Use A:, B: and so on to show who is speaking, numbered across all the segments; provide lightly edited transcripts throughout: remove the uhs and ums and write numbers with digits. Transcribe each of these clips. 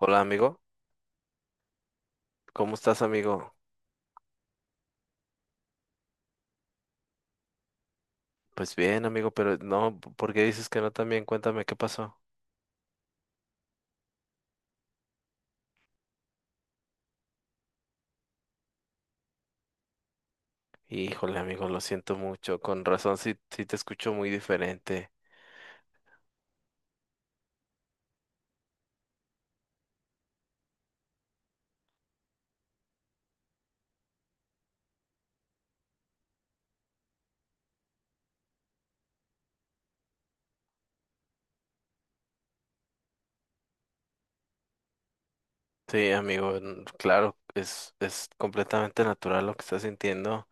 A: Hola amigo, ¿cómo estás amigo? Pues bien amigo, pero no, ¿por qué dices que no también? Cuéntame qué pasó. Híjole amigo, lo siento mucho, con razón sí, sí te escucho muy diferente. Sí amigo, claro, es completamente natural lo que estás sintiendo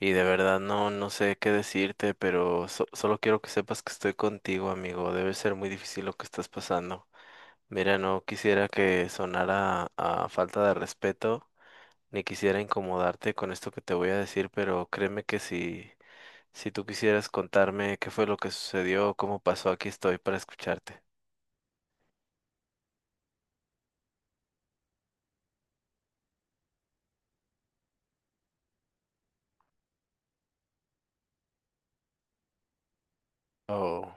A: y de verdad no, no sé qué decirte, pero solo quiero que sepas que estoy contigo amigo, debe ser muy difícil lo que estás pasando. Mira, no quisiera que sonara a falta de respeto ni quisiera incomodarte con esto que te voy a decir, pero créeme que si, si tú quisieras contarme qué fue lo que sucedió, cómo pasó, aquí estoy para escucharte. Oh,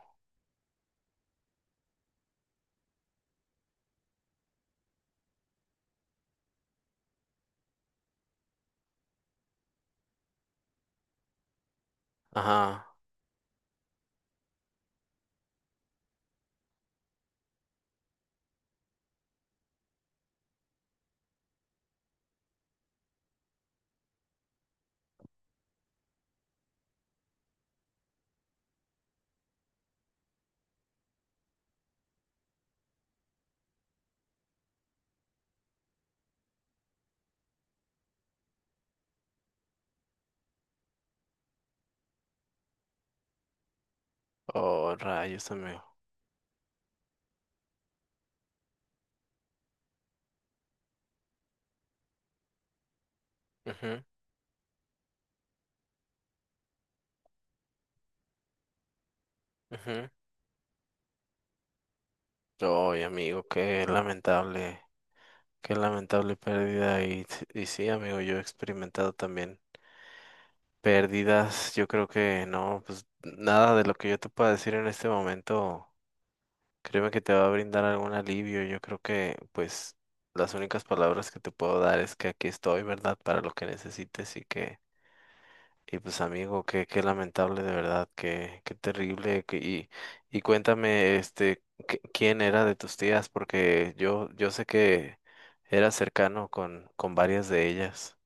A: ajá, oh, rayos, amigo. Ujú, ujú. Ay, amigo, qué lamentable pérdida. Y, y sí, amigo, yo he experimentado también pérdidas. Yo creo que no, pues nada de lo que yo te pueda decir en este momento créeme que te va a brindar algún alivio. Yo creo que, pues, las únicas palabras que te puedo dar es que aquí estoy, ¿verdad? Para lo que necesites. Y y pues, amigo, qué, qué lamentable, de verdad, qué, qué terrible. Y, y cuéntame, quién era de tus tías, porque yo sé que eras cercano con varias de ellas.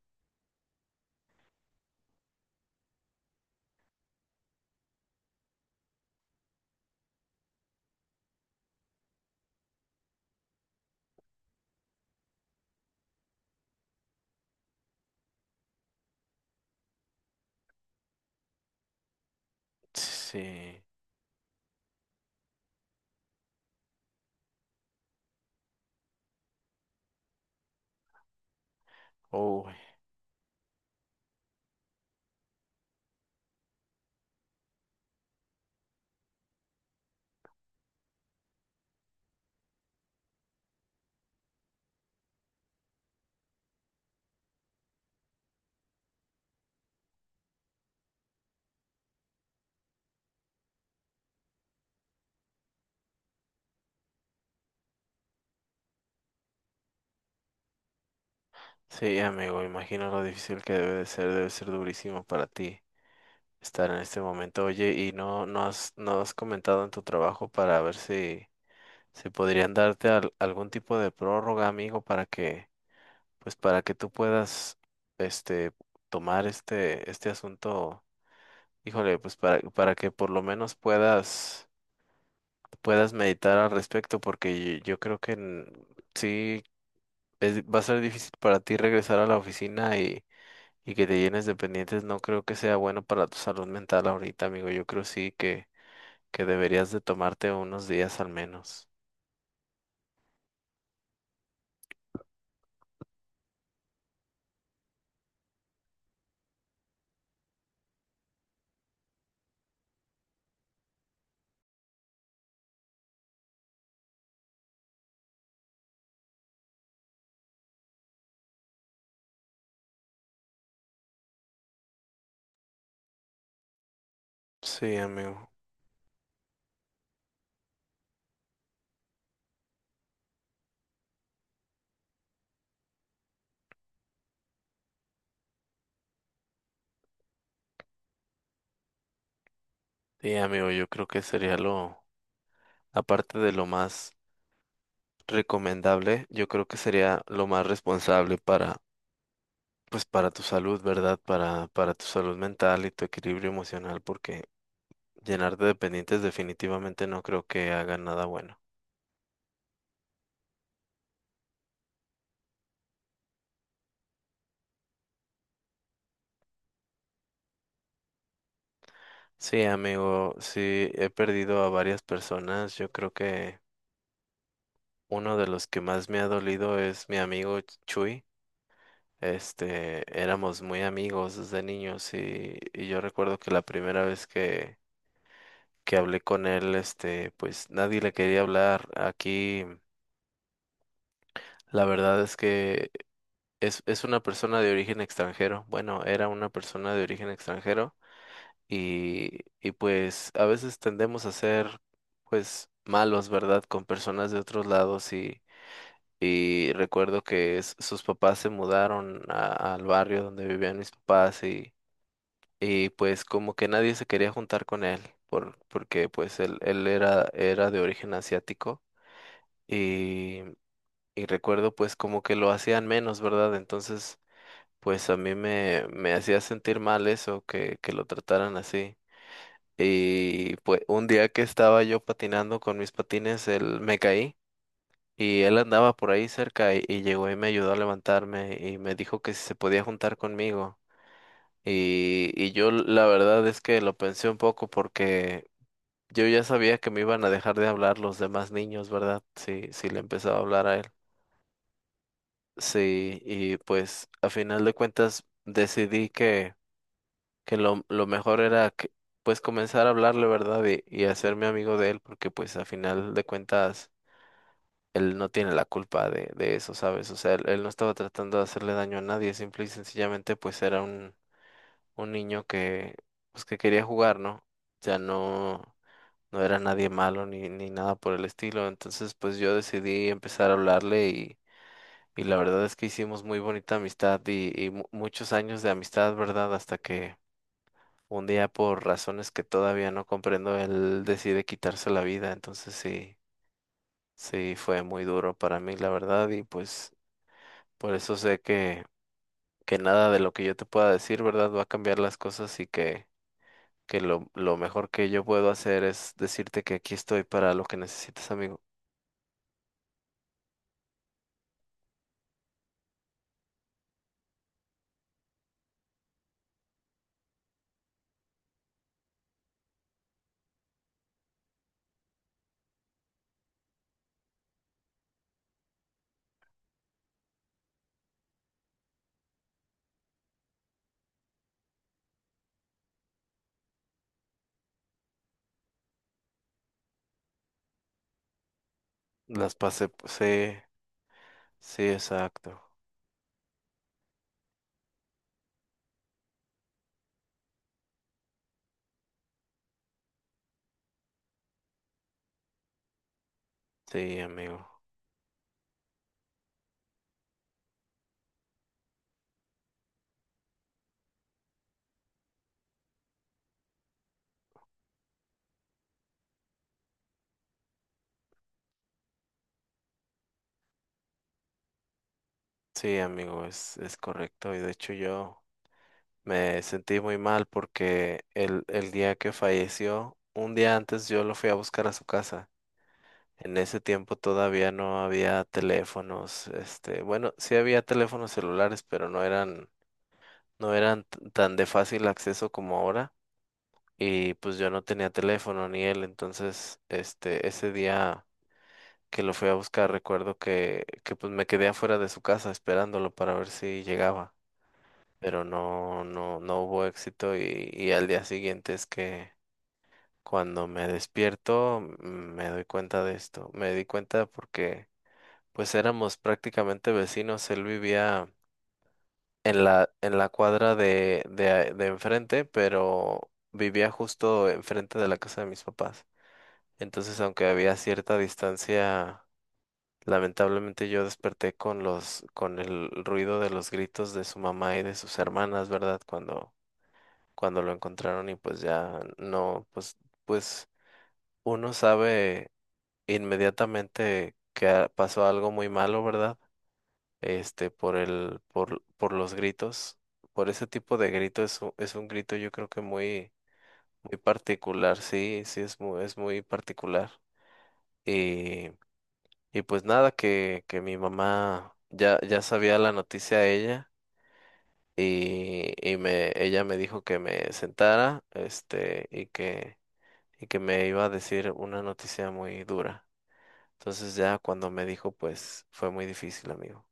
A: Sí, uy, sí, amigo, imagino lo difícil que debe de ser, debe ser durísimo para ti estar en este momento. Oye, ¿y no, no has, no has comentado en tu trabajo para ver si, si podrían darte algún tipo de prórroga, amigo, para que, pues para que tú puedas, este, tomar este, este asunto? Híjole, pues para que por lo menos puedas, puedas meditar al respecto, porque yo creo que sí, va a ser difícil para ti regresar a la oficina. Y que te llenes de pendientes no creo que sea bueno para tu salud mental ahorita, amigo. Yo creo sí que deberías de tomarte unos días al menos. Sí, amigo. Sí, amigo, yo creo que sería lo, aparte de lo más recomendable, yo creo que sería lo más responsable para, pues para tu salud, ¿verdad? Para tu salud mental y tu equilibrio emocional, porque llenarte de pendientes definitivamente no creo que haga nada bueno. Sí, amigo, sí, he perdido a varias personas. Yo creo que uno de los que más me ha dolido es mi amigo Chuy. Este, éramos muy amigos desde niños. Y, y yo recuerdo que la primera vez que hablé con él, este, pues nadie le quería hablar. Aquí, la verdad es que es una persona de origen extranjero. Bueno, era una persona de origen extranjero. Y, y pues a veces tendemos a ser, pues, malos, ¿verdad? Con personas de otros lados. Y, y recuerdo que sus papás se mudaron al barrio donde vivían mis papás y pues como que nadie se quería juntar con él porque pues él era, era de origen asiático. Y, y recuerdo pues como que lo hacían menos, ¿verdad? Entonces pues a mí me, me hacía sentir mal eso, que lo trataran así. Y pues un día que estaba yo patinando con mis patines, él me caí y él andaba por ahí cerca y llegó y me ayudó a levantarme y me dijo que si se podía juntar conmigo. Y yo la verdad es que lo pensé un poco porque yo ya sabía que me iban a dejar de hablar los demás niños, ¿verdad? Sí, sí le empezaba a hablar a él. Sí, y pues a final de cuentas decidí que lo mejor era que, pues comenzar a hablarle, ¿verdad? Y hacerme amigo de él, porque pues a final de cuentas él no tiene la culpa de eso, ¿sabes? O sea, él no estaba tratando de hacerle daño a nadie, simple y sencillamente pues era un niño que, pues que quería jugar, ¿no? O sea, no, no era nadie malo ni, ni nada por el estilo. Entonces, pues yo decidí empezar a hablarle. Y, y la verdad es que hicimos muy bonita amistad y muchos años de amistad, ¿verdad? Hasta que un día, por razones que todavía no comprendo, él decide quitarse la vida. Entonces, sí, sí, fue muy duro para mí, la verdad, y pues por eso sé que nada de lo que yo te pueda decir, ¿verdad? Va a cambiar las cosas. Y que… que lo mejor que yo puedo hacer es decirte que aquí estoy para lo que necesites, amigo. Las pasé, sí, sí, exacto. Sí, amigo. Sí, amigo, es correcto. Y de hecho yo me sentí muy mal porque el día que falleció, un día antes yo lo fui a buscar a su casa. En ese tiempo todavía no había teléfonos, este, bueno, sí había teléfonos celulares, pero no eran, no eran tan de fácil acceso como ahora. Y pues yo no tenía teléfono ni él, entonces, este, ese día que lo fui a buscar, recuerdo que pues me quedé afuera de su casa esperándolo para ver si llegaba, pero no, no, no hubo éxito. Y, y al día siguiente es que cuando me despierto me doy cuenta de esto, me di cuenta porque pues éramos prácticamente vecinos, él vivía en la cuadra de, de enfrente, pero vivía justo enfrente de la casa de mis papás. Entonces, aunque había cierta distancia, lamentablemente yo desperté con los, con el ruido de los gritos de su mamá y de sus hermanas, ¿verdad? Cuando, cuando lo encontraron y pues ya no, pues, pues uno sabe inmediatamente que pasó algo muy malo, ¿verdad? Este, por el, por los gritos, por ese tipo de grito es un grito yo creo que muy, muy particular, sí, sí es muy particular. Y pues nada, que mi mamá ya, ya sabía la noticia ella. Y, y me, ella me dijo que me sentara, este, y que me iba a decir una noticia muy dura. Entonces ya cuando me dijo, pues fue muy difícil, amigo.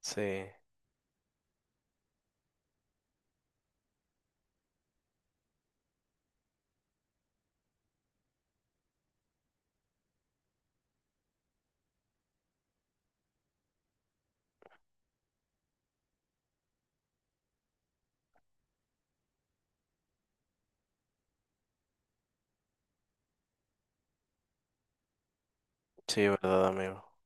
A: Sí, sí, verdad, amigo.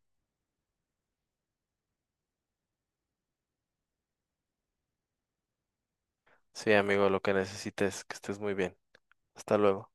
A: Sí, amigo, lo que necesites, que estés muy bien. Hasta luego.